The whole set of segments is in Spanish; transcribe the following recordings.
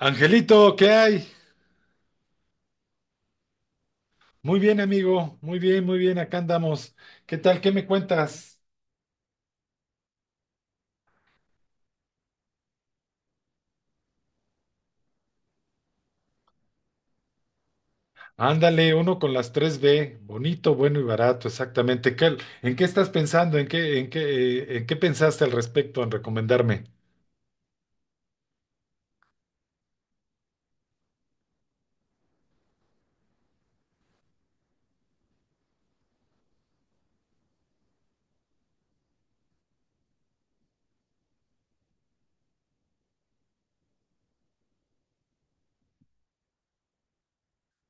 Angelito, ¿qué hay? Muy bien, amigo. Muy bien, muy bien. Acá andamos. ¿Qué tal? ¿Qué me cuentas? Ándale, uno con las tres b, bonito, bueno y barato, exactamente. ¿En qué estás pensando? ¿En qué pensaste al respecto en recomendarme?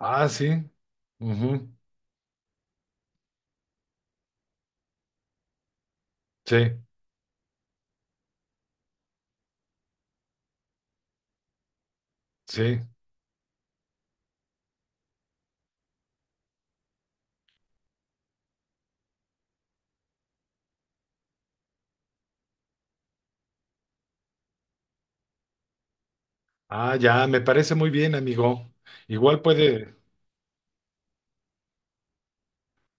Ah, sí. Ujú. Sí, sí. Ah, ya, me parece muy bien, amigo. Igual puede.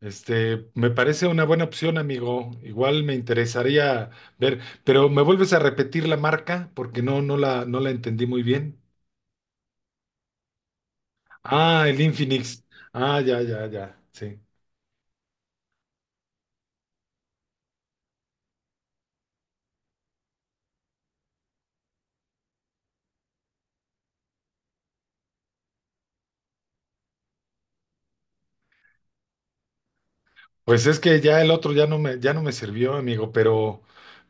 Este, me parece una buena opción, amigo. Igual me interesaría ver, pero ¿me vuelves a repetir la marca? Porque no, no la entendí muy bien. Ah, el Infinix. Ah, ya, ya, ya. Sí. Pues es que ya el otro ya no me sirvió, amigo, pero,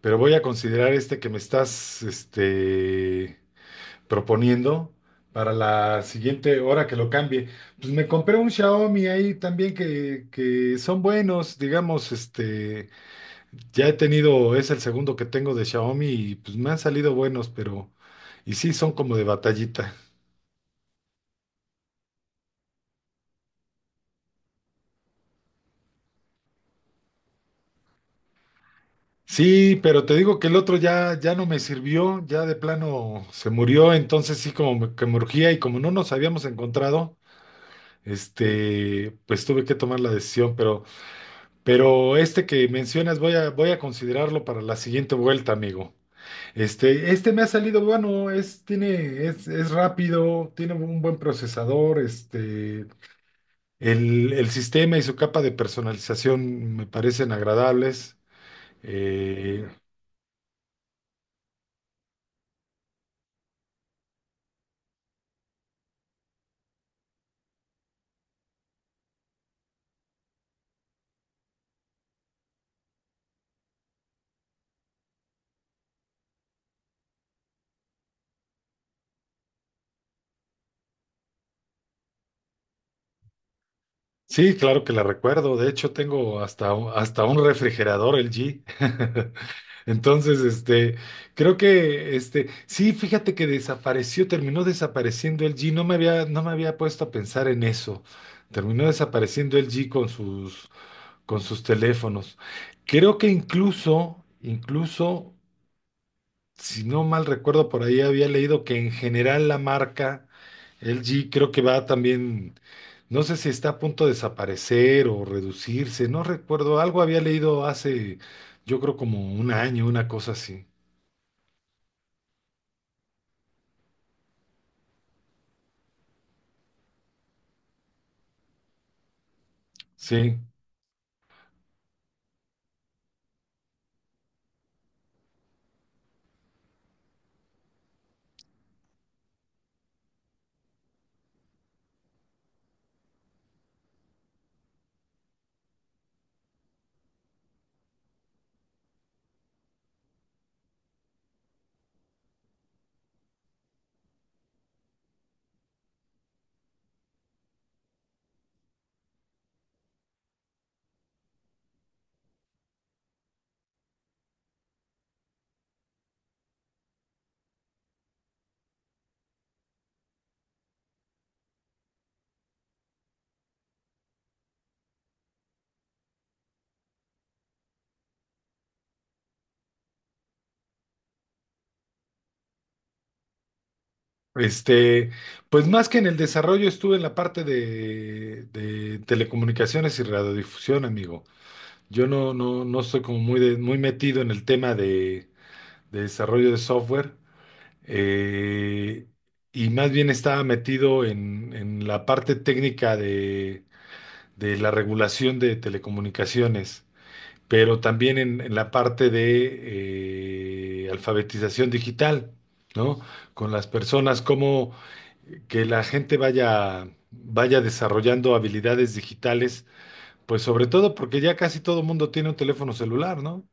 voy a considerar este que me estás, este, proponiendo para la siguiente hora que lo cambie. Pues me compré un Xiaomi ahí también que son buenos, digamos, este. Ya he tenido, es el segundo que tengo de Xiaomi y pues me han salido buenos, pero, y sí, son como de batallita. Sí, pero te digo que el otro ya no me sirvió, ya de plano se murió, entonces sí que me urgía y como no nos habíamos encontrado, este, pues tuve que tomar la decisión, pero, este que mencionas voy a considerarlo para la siguiente vuelta, amigo. Este me ha salido bueno, tiene, es rápido, tiene un buen procesador, este, el sistema y su capa de personalización me parecen agradables. Eh, sí, claro que la recuerdo. De hecho, tengo hasta un refrigerador LG. Entonces, este, creo que, este, sí, fíjate que desapareció, terminó desapareciendo LG. No me había puesto a pensar en eso. Terminó desapareciendo L G con sus teléfonos. Creo que incluso si no mal recuerdo, por ahí había leído que en general la marca LG creo que va también, no sé si está a punto de desaparecer o reducirse, no recuerdo, algo había leído hace, yo creo como un año, una cosa así. Sí. Este, pues más que en el desarrollo estuve en la parte de telecomunicaciones y radiodifusión, amigo. Yo no, no, no estoy como muy, muy metido en el tema de desarrollo de software. eh, y más bien estaba metido en la parte técnica de la regulación de telecomunicaciones, pero también en la parte de alfabetización digital, ¿no? Con las personas, cómo que la gente vaya desarrollando habilidades digitales, pues sobre todo porque ya casi todo mundo tiene un teléfono celular, ¿no?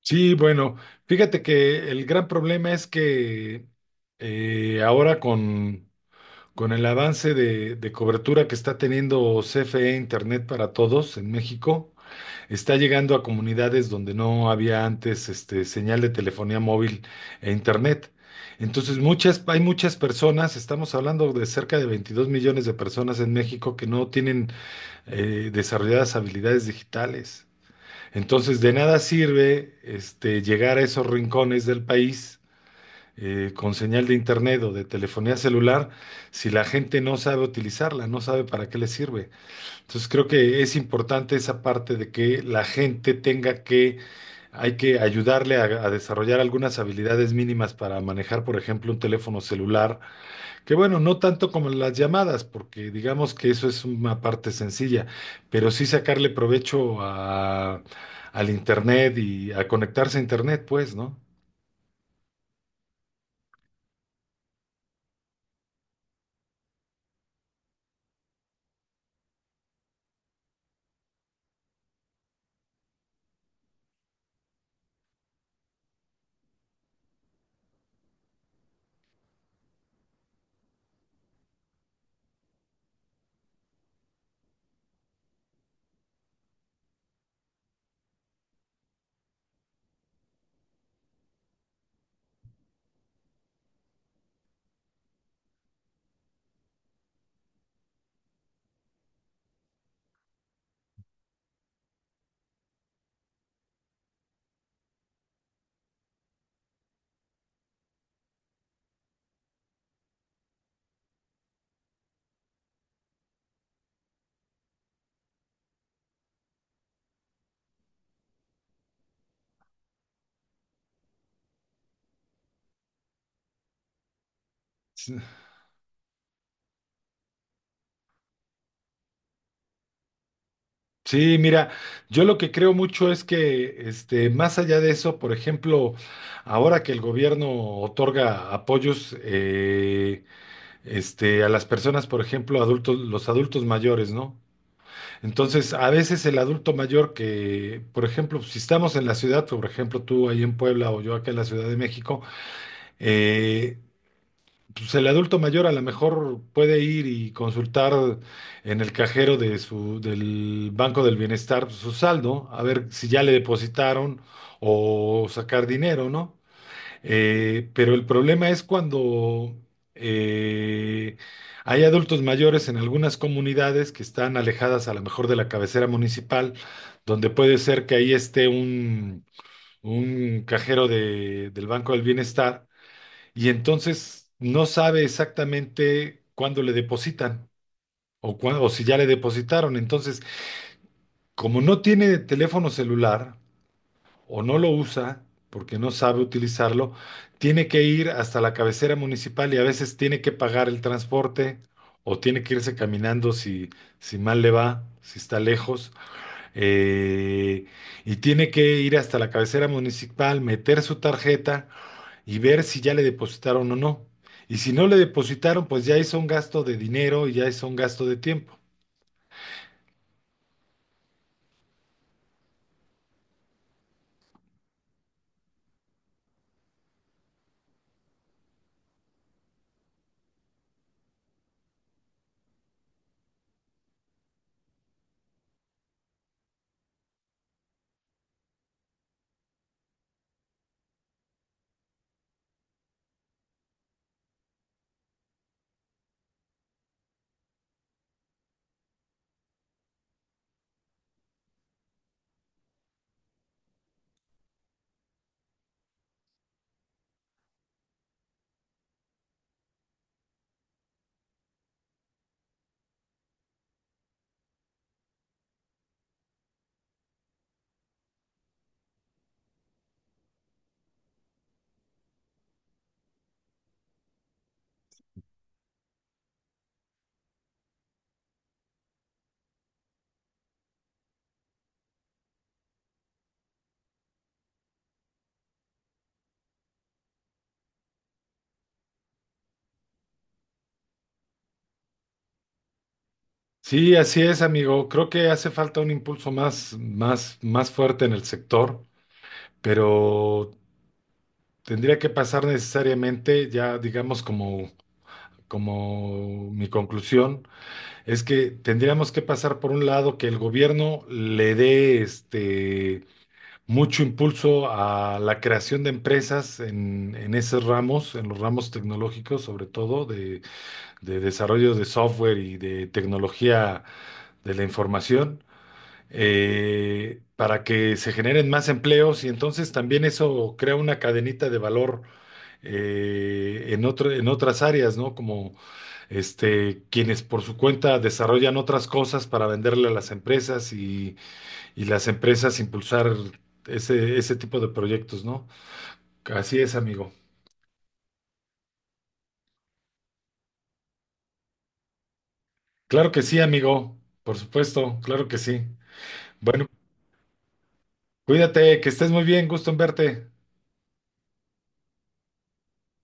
Sí, bueno, fíjate que el gran problema es que ahora con el avance de cobertura que está teniendo CFE Internet para Todos en México, está llegando a comunidades donde no había antes este, señal de telefonía móvil e Internet. Entonces, hay muchas personas, estamos hablando de cerca de 22 millones de personas en México que no tienen desarrolladas habilidades digitales. Entonces, de nada sirve este, llegar a esos rincones del país con señal de internet o de telefonía celular si la gente no sabe utilizarla, no sabe para qué le sirve. Entonces, creo que es importante esa parte de que la gente hay que ayudarle a desarrollar algunas habilidades mínimas para manejar, por ejemplo, un teléfono celular que bueno, no tanto como las llamadas, porque digamos que eso es una parte sencilla, pero sí sacarle provecho al internet y a conectarse a internet, pues, ¿no? Sí, sí, mira, yo lo que creo mucho es que, este, más allá de eso, por ejemplo, ahora que el gobierno otorga apoyos, este, a las personas, por ejemplo, adultos, los adultos mayores, ¿no? Entonces, a veces el adulto mayor que, por ejemplo, si estamos en la ciudad, por ejemplo, tú ahí en Puebla o yo acá en la Ciudad de México, eh, pues el adulto mayor a lo mejor puede ir y consultar en el cajero del Banco del Bienestar su saldo, a ver si ya le depositaron o sacar dinero, ¿no? Pero el problema es cuando eh, hay adultos mayores en algunas comunidades que están alejadas a lo mejor de la cabecera municipal, donde puede ser que ahí esté un cajero del Banco del Bienestar y entonces no sabe exactamente cuándo le depositan o si ya le depositaron. Entonces, como no tiene teléfono celular, o no lo usa porque no sabe utilizarlo, tiene que ir hasta la cabecera municipal y a veces tiene que pagar el transporte o tiene que irse caminando si, si mal le va, si está lejos, eh, y tiene que ir hasta la cabecera municipal, meter su tarjeta y ver si ya le depositaron o no. Y si no le depositaron, pues ya hizo un gasto de dinero y ya hizo un gasto de tiempo. Sí, así es, amigo. Creo que hace falta un impulso más, más, más fuerte en el sector. Pero tendría que pasar necesariamente, ya digamos como, como mi conclusión, es que tendríamos que pasar por un lado que el gobierno le dé este mucho impulso a la creación de empresas en esos ramos, en los ramos tecnológicos, sobre todo de desarrollo de software y de tecnología de la información para que se generen más empleos y entonces también eso crea una cadenita de valor en en otras áreas, ¿no? Como este, quienes por su cuenta desarrollan otras cosas para venderle a las empresas y las empresas impulsar ese tipo de proyectos, ¿no? Así es, amigo. Claro que sí, amigo. Por supuesto, claro que sí. Bueno, cuídate, que estés muy bien, gusto en verte.